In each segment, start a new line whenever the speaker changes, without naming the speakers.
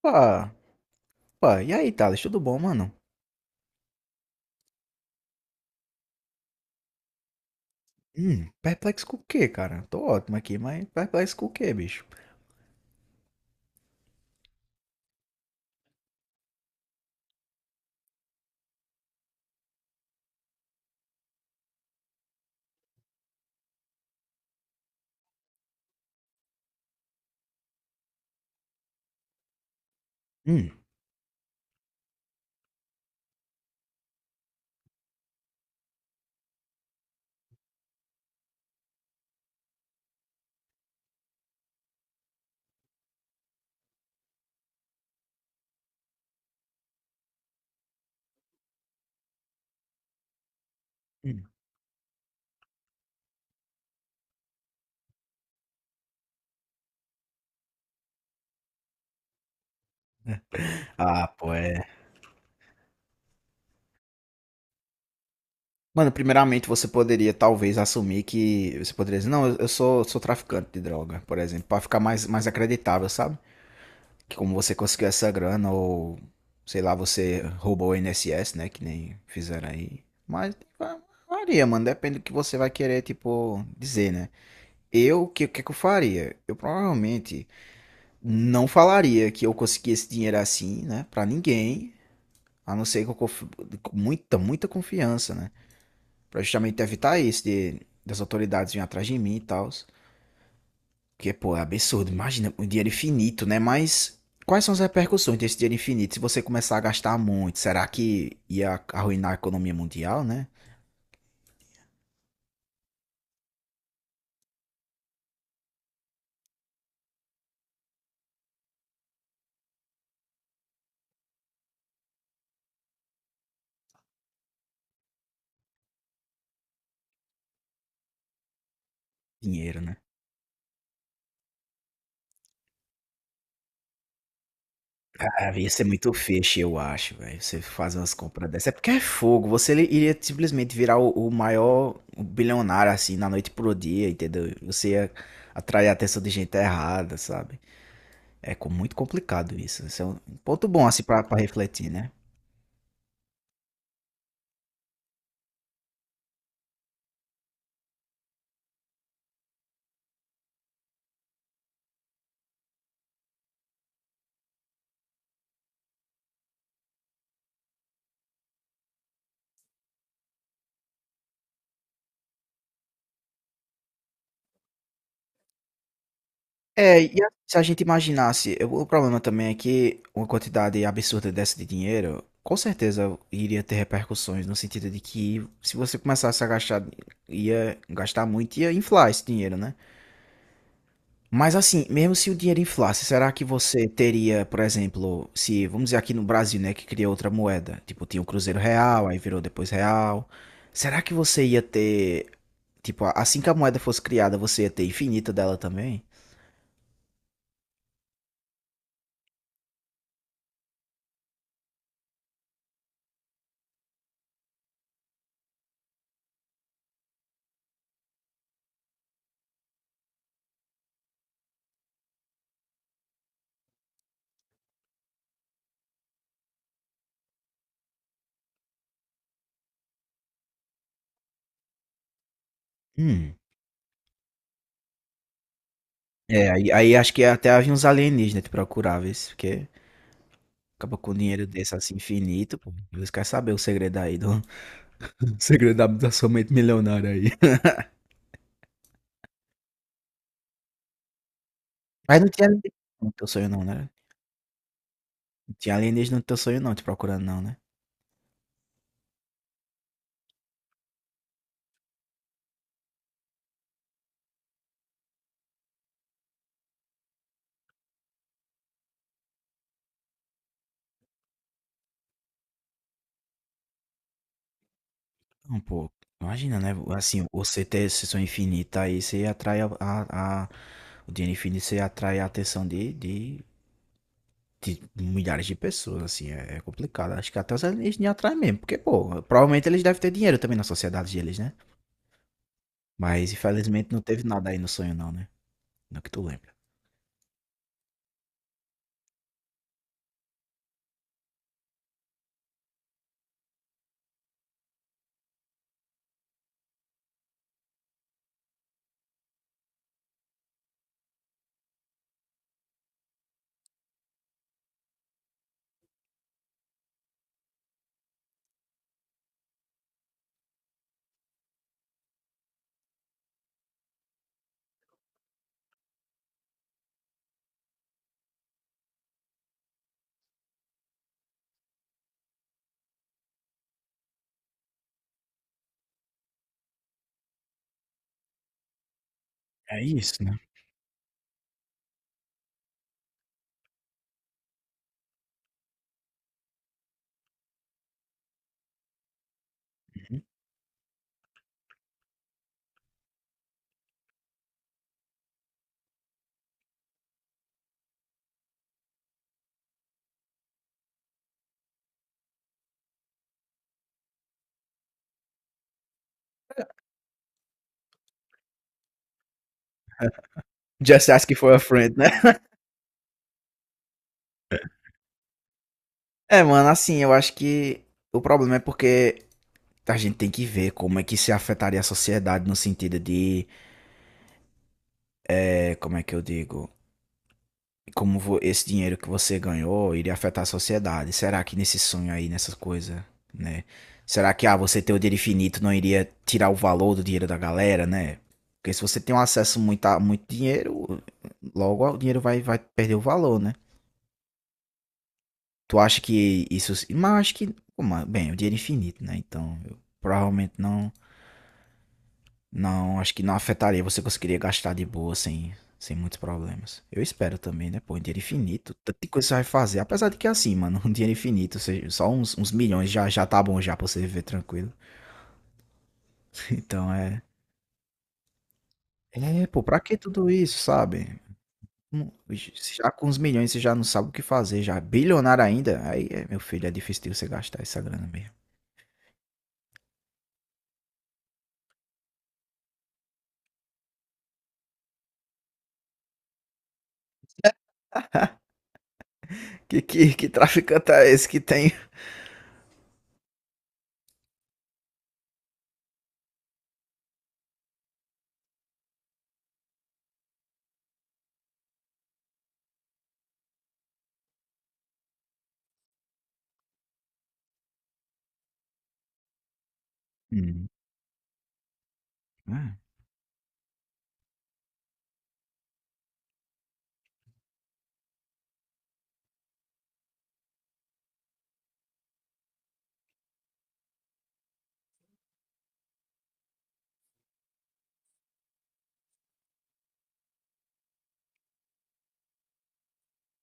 Pá, pá, e aí, Thales, tudo bom, mano? Perplexo com o quê, cara? Tô ótimo aqui, mas perplexo com o quê, bicho? Hum, hum. Ah, pô, é. Mano, primeiramente você poderia talvez assumir que. Você poderia dizer, não, eu sou, sou traficante de droga, por exemplo, pra ficar mais acreditável, sabe? Que como você conseguiu essa grana, ou sei lá, você roubou o INSS, né? Que nem fizeram aí. Mas varia, mano, depende do que você vai querer, tipo, dizer, né? Eu, o que, que eu faria? Eu provavelmente. Não falaria que eu consegui esse dinheiro assim, né? Pra ninguém. A não ser que com muita, muita confiança, né? Pra justamente evitar isso das autoridades virem atrás de mim e tal. Porque, pô, é absurdo. Imagina, um dinheiro infinito, né? Mas quais são as repercussões desse dinheiro infinito se você começar a gastar muito? Será que ia arruinar a economia mundial, né? Dinheiro, né? Cara, ia ser muito feixe, eu acho, velho. Você fazer umas compras dessas. É porque é fogo. Você iria simplesmente virar o maior bilionário, assim, na noite pro dia, entendeu? Você ia atrair a atenção de gente errada, sabe? É muito complicado isso. Isso é um ponto bom, assim, pra, pra refletir, né? É, e se a gente imaginasse, o problema também é que uma quantidade absurda dessa de dinheiro, com certeza iria ter repercussões, no sentido de que se você começasse a gastar, ia gastar muito, ia inflar esse dinheiro, né? Mas assim, mesmo se o dinheiro inflasse, será que você teria, por exemplo, se, vamos dizer aqui no Brasil, né, que criou outra moeda, tipo, tinha o Cruzeiro Real, aí virou depois Real, será que você ia ter, tipo, assim que a moeda fosse criada, você ia ter infinita dela também? Hum. É, aí, aí acho que até havia uns alienígenas te procurar, vê se- porque acaba com um dinheiro desse assim infinito, pô. Eles querem saber o segredo aí, o segredo da, da sua mente milionária aí. Mas não tinha alienígena no teu sonho não, né? Não tinha alienígena no teu sonho não, te procurando não, né? Não, pô, imagina, né? Assim, você ter sessão infinita aí, você atrai o dinheiro infinito, você atrai a atenção de milhares de pessoas, assim, é, é complicado. Acho que até os alienígenas atraem mesmo, porque, pô, provavelmente eles devem ter dinheiro também na sociedade deles, né? Mas, infelizmente, não teve nada aí no sonho, não, né? Não que tu lembra. É isso, né? Just asking for a friend, né? É, mano, assim, eu acho que o problema é porque a gente tem que ver como é que se afetaria a sociedade no sentido de, eh, como é que eu digo? Como esse dinheiro que você ganhou iria afetar a sociedade. Será que nesse sonho aí, nessas coisas, né? Será que, ah, você ter o dinheiro infinito não iria tirar o valor do dinheiro da galera, né? Porque se você tem um acesso muito a muito dinheiro, logo o dinheiro vai perder o valor, né? Tu acha que isso. Mas eu acho que. Pô, mas, bem, o dinheiro é infinito, né? Então, eu provavelmente não. Não, acho que não afetaria. Você conseguiria gastar de boa sem muitos problemas. Eu espero também, né? Pô, um dinheiro infinito. Tanta coisa você vai fazer. Apesar de que é assim, mano, um dinheiro infinito, ou seja, só uns milhões já tá bom já pra você viver tranquilo. Então é. É, pô, pra que tudo isso, sabe? Já com uns milhões você já não sabe o que fazer, já. Bilionário ainda. Aí, é, meu filho, é difícil de você gastar essa grana mesmo. Que traficante é esse que tem? Hum. É.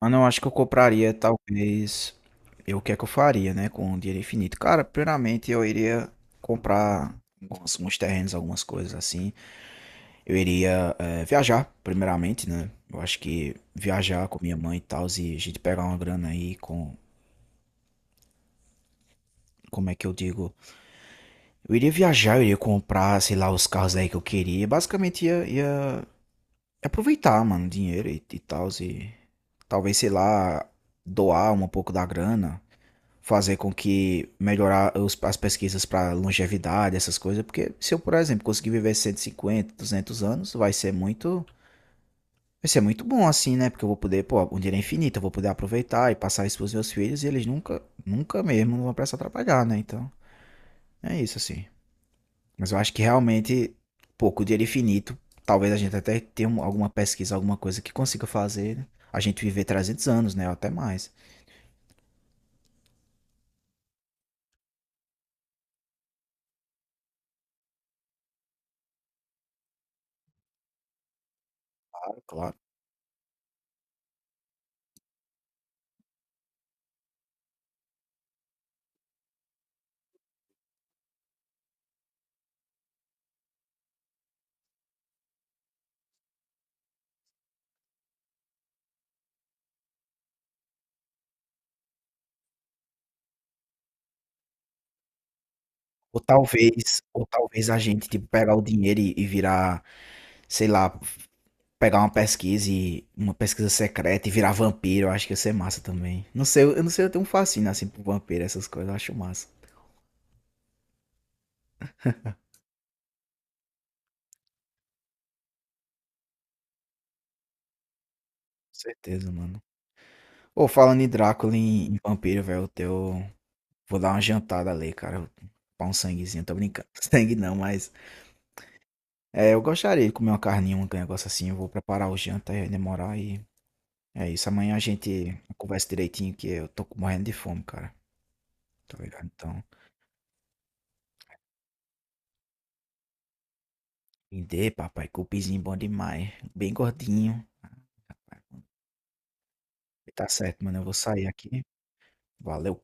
Mano, eu acho que eu compraria, talvez. Eu, o que é que eu faria, né? Com o dinheiro infinito. Cara, primeiramente eu iria comprar alguns, uns terrenos, algumas coisas assim. Eu iria eh, viajar, primeiramente, né? Eu acho que viajar com minha mãe e tal, e a gente pegar uma grana aí com. Como é que eu digo? Eu iria viajar, eu iria comprar, sei lá, os carros aí que eu queria. Basicamente ia aproveitar, mano, o dinheiro e tal. E talvez, sei lá, doar um pouco da grana fazer com que melhorar as pesquisas para longevidade, essas coisas, porque se eu, por exemplo, conseguir viver 150 200 anos, vai ser muito bom assim, né? Porque eu vou poder, pô, o dinheiro é infinito, eu vou poder aproveitar e passar isso pros meus filhos e eles nunca, nunca mesmo não vão precisar trabalhar, né? Então, é isso assim. Mas eu acho que realmente, pô, com o dinheiro infinito, talvez a gente até tenha alguma pesquisa, alguma coisa que consiga fazer né? a gente viver 300 anos, né? Ou até mais. Claro, claro. Ou talvez a gente tipo, pegar o dinheiro e virar, sei lá, pegar uma pesquisa e uma pesquisa secreta e virar vampiro, eu acho que ia ser massa também. Não sei, eu não sei, eu tenho um fascínio assim por vampiro, essas coisas, eu acho massa. Com certeza, mano. Ou falando em Drácula e em vampiro, velho, eu teu vou dar uma jantada ali, cara. Pra um sanguezinho, tô brincando. Sangue não, mas é, eu gostaria de comer uma carninha, um negócio assim, eu vou preparar o janta e demorar e é isso, amanhã a gente conversa direitinho que eu tô morrendo de fome, cara. Tá ligado? Então, entender, papai. Cupinzinho bom demais. Bem gordinho. Tá certo, mano. Eu vou sair aqui. Valeu.